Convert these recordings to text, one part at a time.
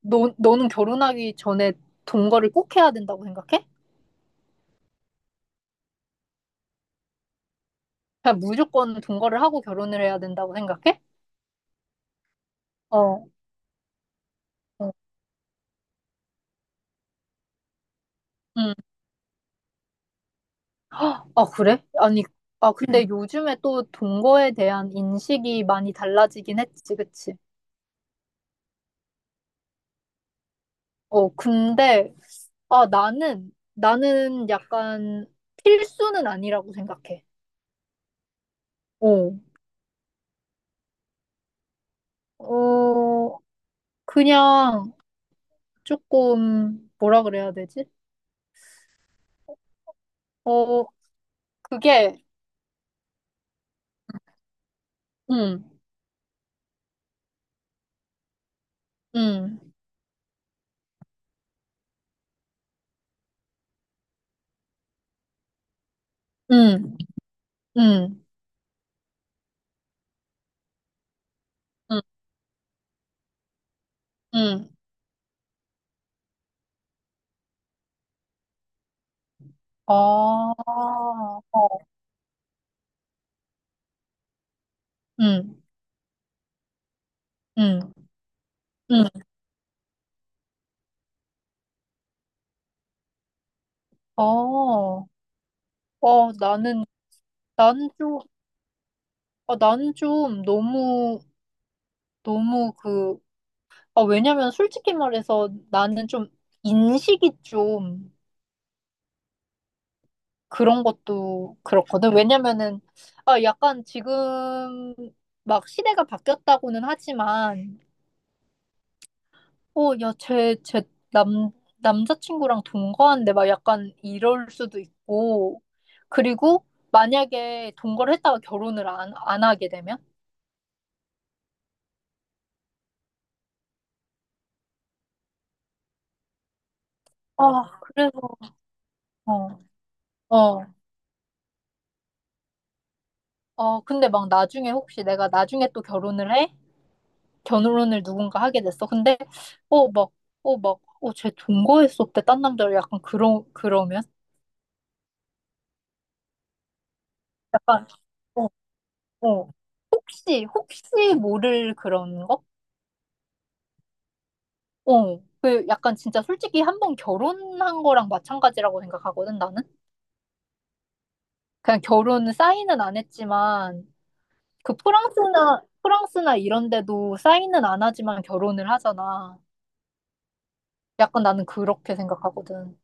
너는 결혼하기 전에 동거를 꼭 해야 된다고 생각해? 그냥 무조건 동거를 하고 결혼을 해야 된다고 생각해? 어, 어, 음. 아, 그래? 아니, 아, 근데 요즘에 또 동거에 대한 인식이 많이 달라지긴 했지, 그치? 어, 근데, 아, 나는 약간 필수는 아니라고 생각해. 어, 어, 그냥 조금, 뭐라 그래야 되지? 어, 그게, 음, 음, 음. 음. 응, 응. 어, 어, 응, 응, 응. 어, 어, 나는 좀, 아, 나는 좀 너무, 너무 그, 아, 왜냐면 솔직히 말해서 나는 좀 인식이 좀 그런 것도 그렇거든. 왜냐면은, 아, 약간 지금 막 시대가 바뀌었다고는 하지만, 어, 야, 쟤 남, 남자친구랑 동거한데 막 약간 이럴 수도 있고. 그리고 만약에 동거를 했다가 결혼을 안 하게 되면? 아, 그래서, 어. 어, 어, 근데 막 나중에 혹시 내가 나중에 또 결혼을 해? 결혼을 누군가 하게 됐어. 근데, 어, 막, 어, 막, 어, 쟤 동거했었대. 딴 남자를 약간 그러면? 어, 어, 혹시 모를 그런 거? 어, 그 약간 진짜 솔직히 한 번 결혼한 거랑 마찬가지라고 생각하거든, 나는. 그냥 결혼 사인은 안 했지만, 그 프랑스나 이런 데도 사인은 안 하지만 결혼을 하잖아. 약간 나는 그렇게 생각하거든.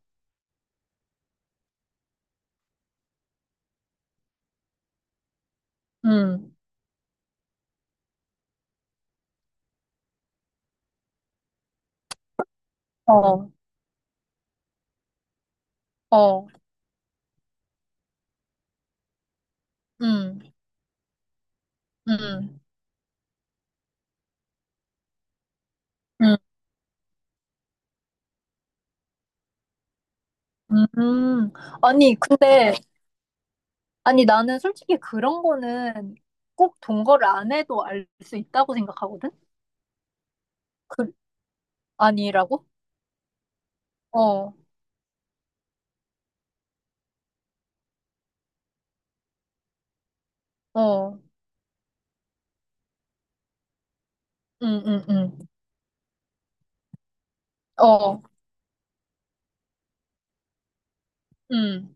음, 어, 어, 음, 음, 음, 음. 아니, 근데, 아니, 나는 솔직히 그런 거는 꼭 동거를 안 해도 알 수 있다고 생각하거든? 그, 아니라고? 어, 어. 응, 응, 응. 어, 응,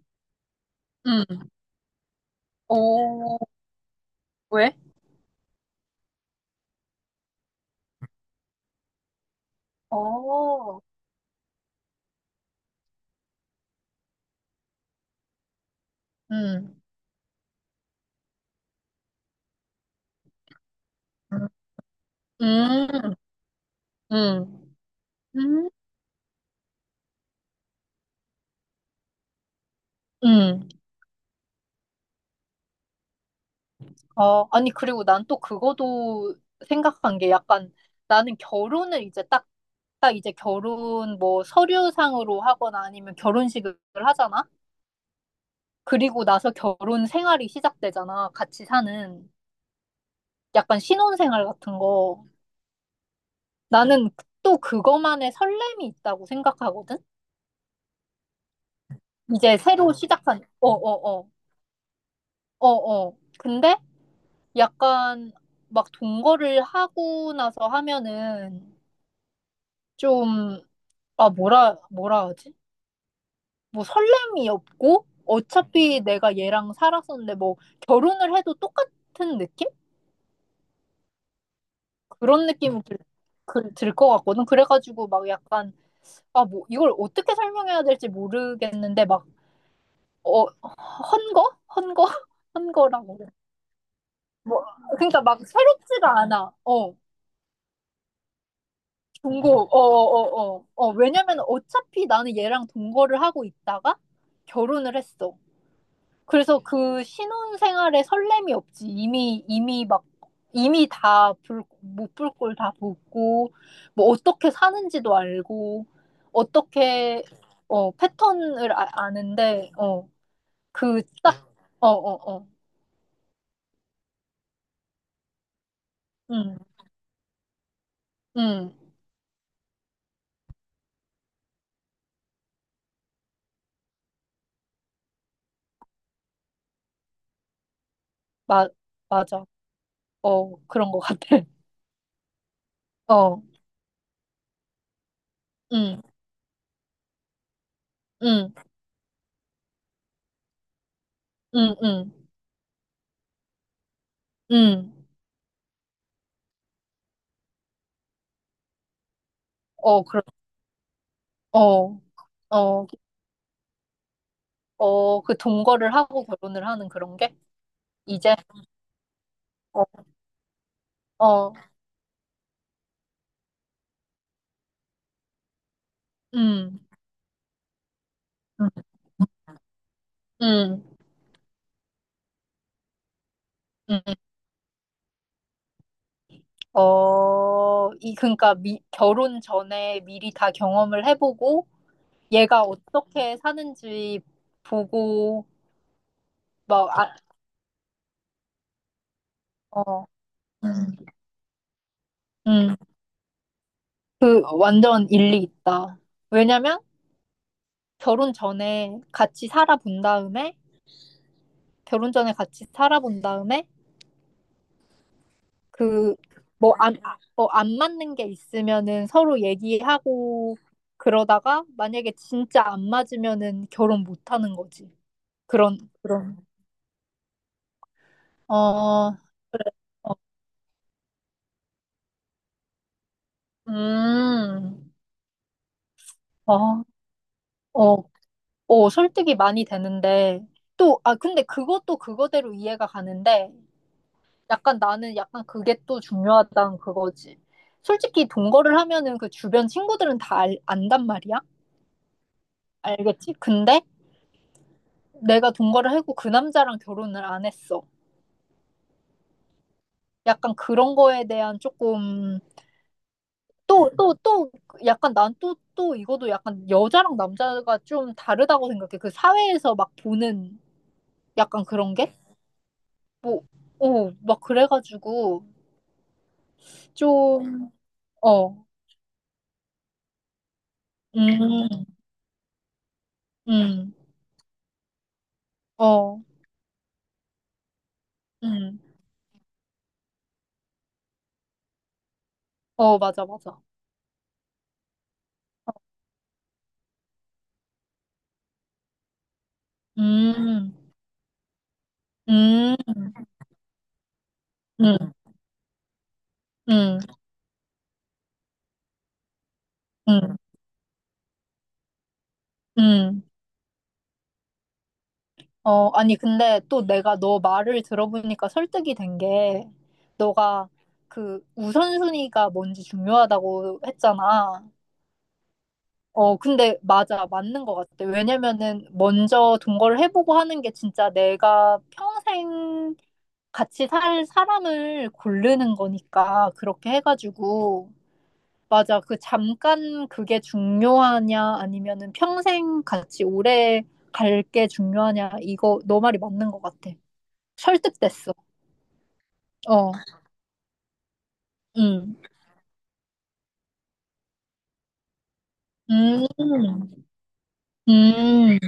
응. 오, 왜? 어, 응, 응, 응, 응, 응. 응. 어, 아니, 그리고 난 또 그거도 생각한 게 약간 나는 결혼을 이제 딱 이제 결혼 뭐 서류상으로 하거나 아니면 결혼식을 하잖아? 그리고 나서 결혼 생활이 시작되잖아. 같이 사는. 약간 신혼생활 같은 거. 나는 또 그거만의 설렘이 있다고 생각하거든? 이제 새로 아, 시작한, 어, 어, 어, 어, 어. 근데 약간 막 동거를 하고 나서 하면은 좀, 아, 뭐라 하지? 뭐 설렘이 없고 어차피 내가 얘랑 살았었는데 뭐 결혼을 해도 똑같은 느낌? 그런 느낌이 그, 들것 같거든. 그래가지고 막 약간, 아, 뭐 이걸 어떻게 설명해야 될지 모르겠는데 막, 어, 헌거? 헌거? 헌거라고. 뭐, 그러니까 막 새롭지가 않아. 어. 동거, 어어어어. 어, 어, 어. 어, 왜냐면 어차피 나는 얘랑 동거를 하고 있다가 결혼을 했어. 그래서 그 신혼 생활에 설렘이 없지. 이미 막, 이미 다 못불꼴다 보고, 뭐 어떻게 사는지도 알고, 어떻게, 어, 패턴을 아는데, 어, 그 딱, 어, 어, 어. 응, 응. 마, 맞아. 어, 그런 것 같아. 어, 응, 응, 응, 응, 응. 어, 그런, 어, 어, 어, 그 동거를 하고 결혼을 하는 그런 게? 이제, 어, 어, 음, 음, 음, 음. 어, 이, 그러니까 결혼 전에 미리 다 경험을 해보고, 얘가 어떻게 사는지 보고, 막, 아, 어, 음, 음, 그 완전 일리 있다. 왜냐면 결혼 전에 같이 살아본 다음에, 결혼 전에 같이 살아본 다음에, 그, 뭐, 안, 아, 어, 안 맞는 게 있으면은 서로 얘기하고 그러다가 만약에 진짜 안 맞으면은 결혼 못 하는 거지. 그런, 그런. 어, 그래. 어, 음, 어, 어, 어, 설득이 많이 되는데. 또, 아, 근데 그것도 그거대로 이해가 가는데 약간 나는 약간 그게 또 중요하다는 그거지. 솔직히 동거를 하면은 그 주변 친구들은 다 안단 말이야. 알겠지? 근데 내가 동거를 하고 그 남자랑 결혼을 안 했어. 약간 그런 거에 대한 조금 또, 또, 또, 약간 난 또 이것도 약간 여자랑 남자가 좀 다르다고 생각해. 그 사회에서 막 보는 약간 그런 게? 뭐, 어, 막 그래가지고 좀, 어, 음, 음, 어, 음, 어, 맞아, 맞아. 음, 음, 음, 음, 음, 음. 음. 어, 아니, 근데 또 내가 너 말을 들어보니까 설득이 된 게, 너가 그 우선순위가 뭔지 중요하다고 했잖아. 어, 근데 맞아, 맞는 것 같아. 왜냐면은 먼저 동거를 해보고 하는 게 진짜 내가 평생 같이 살 사람을 고르는 거니까, 그렇게 해가지고. 맞아, 그 잠깐 그게 중요하냐, 아니면은 평생 같이 오래 갈 게 중요하냐, 이거 너 말이 맞는 것 같아. 설득됐어. 어, 음, 음, 음.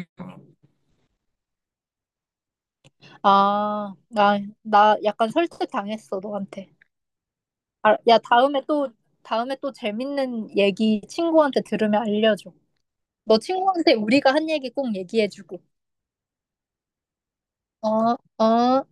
아, 나 약간 설득당했어, 너한테. 아, 야, 다음에 또 재밌는 얘기 친구한테 들으면 알려줘. 너 친구한테 우리가 한 얘기 꼭 얘기해주고. 어, 어.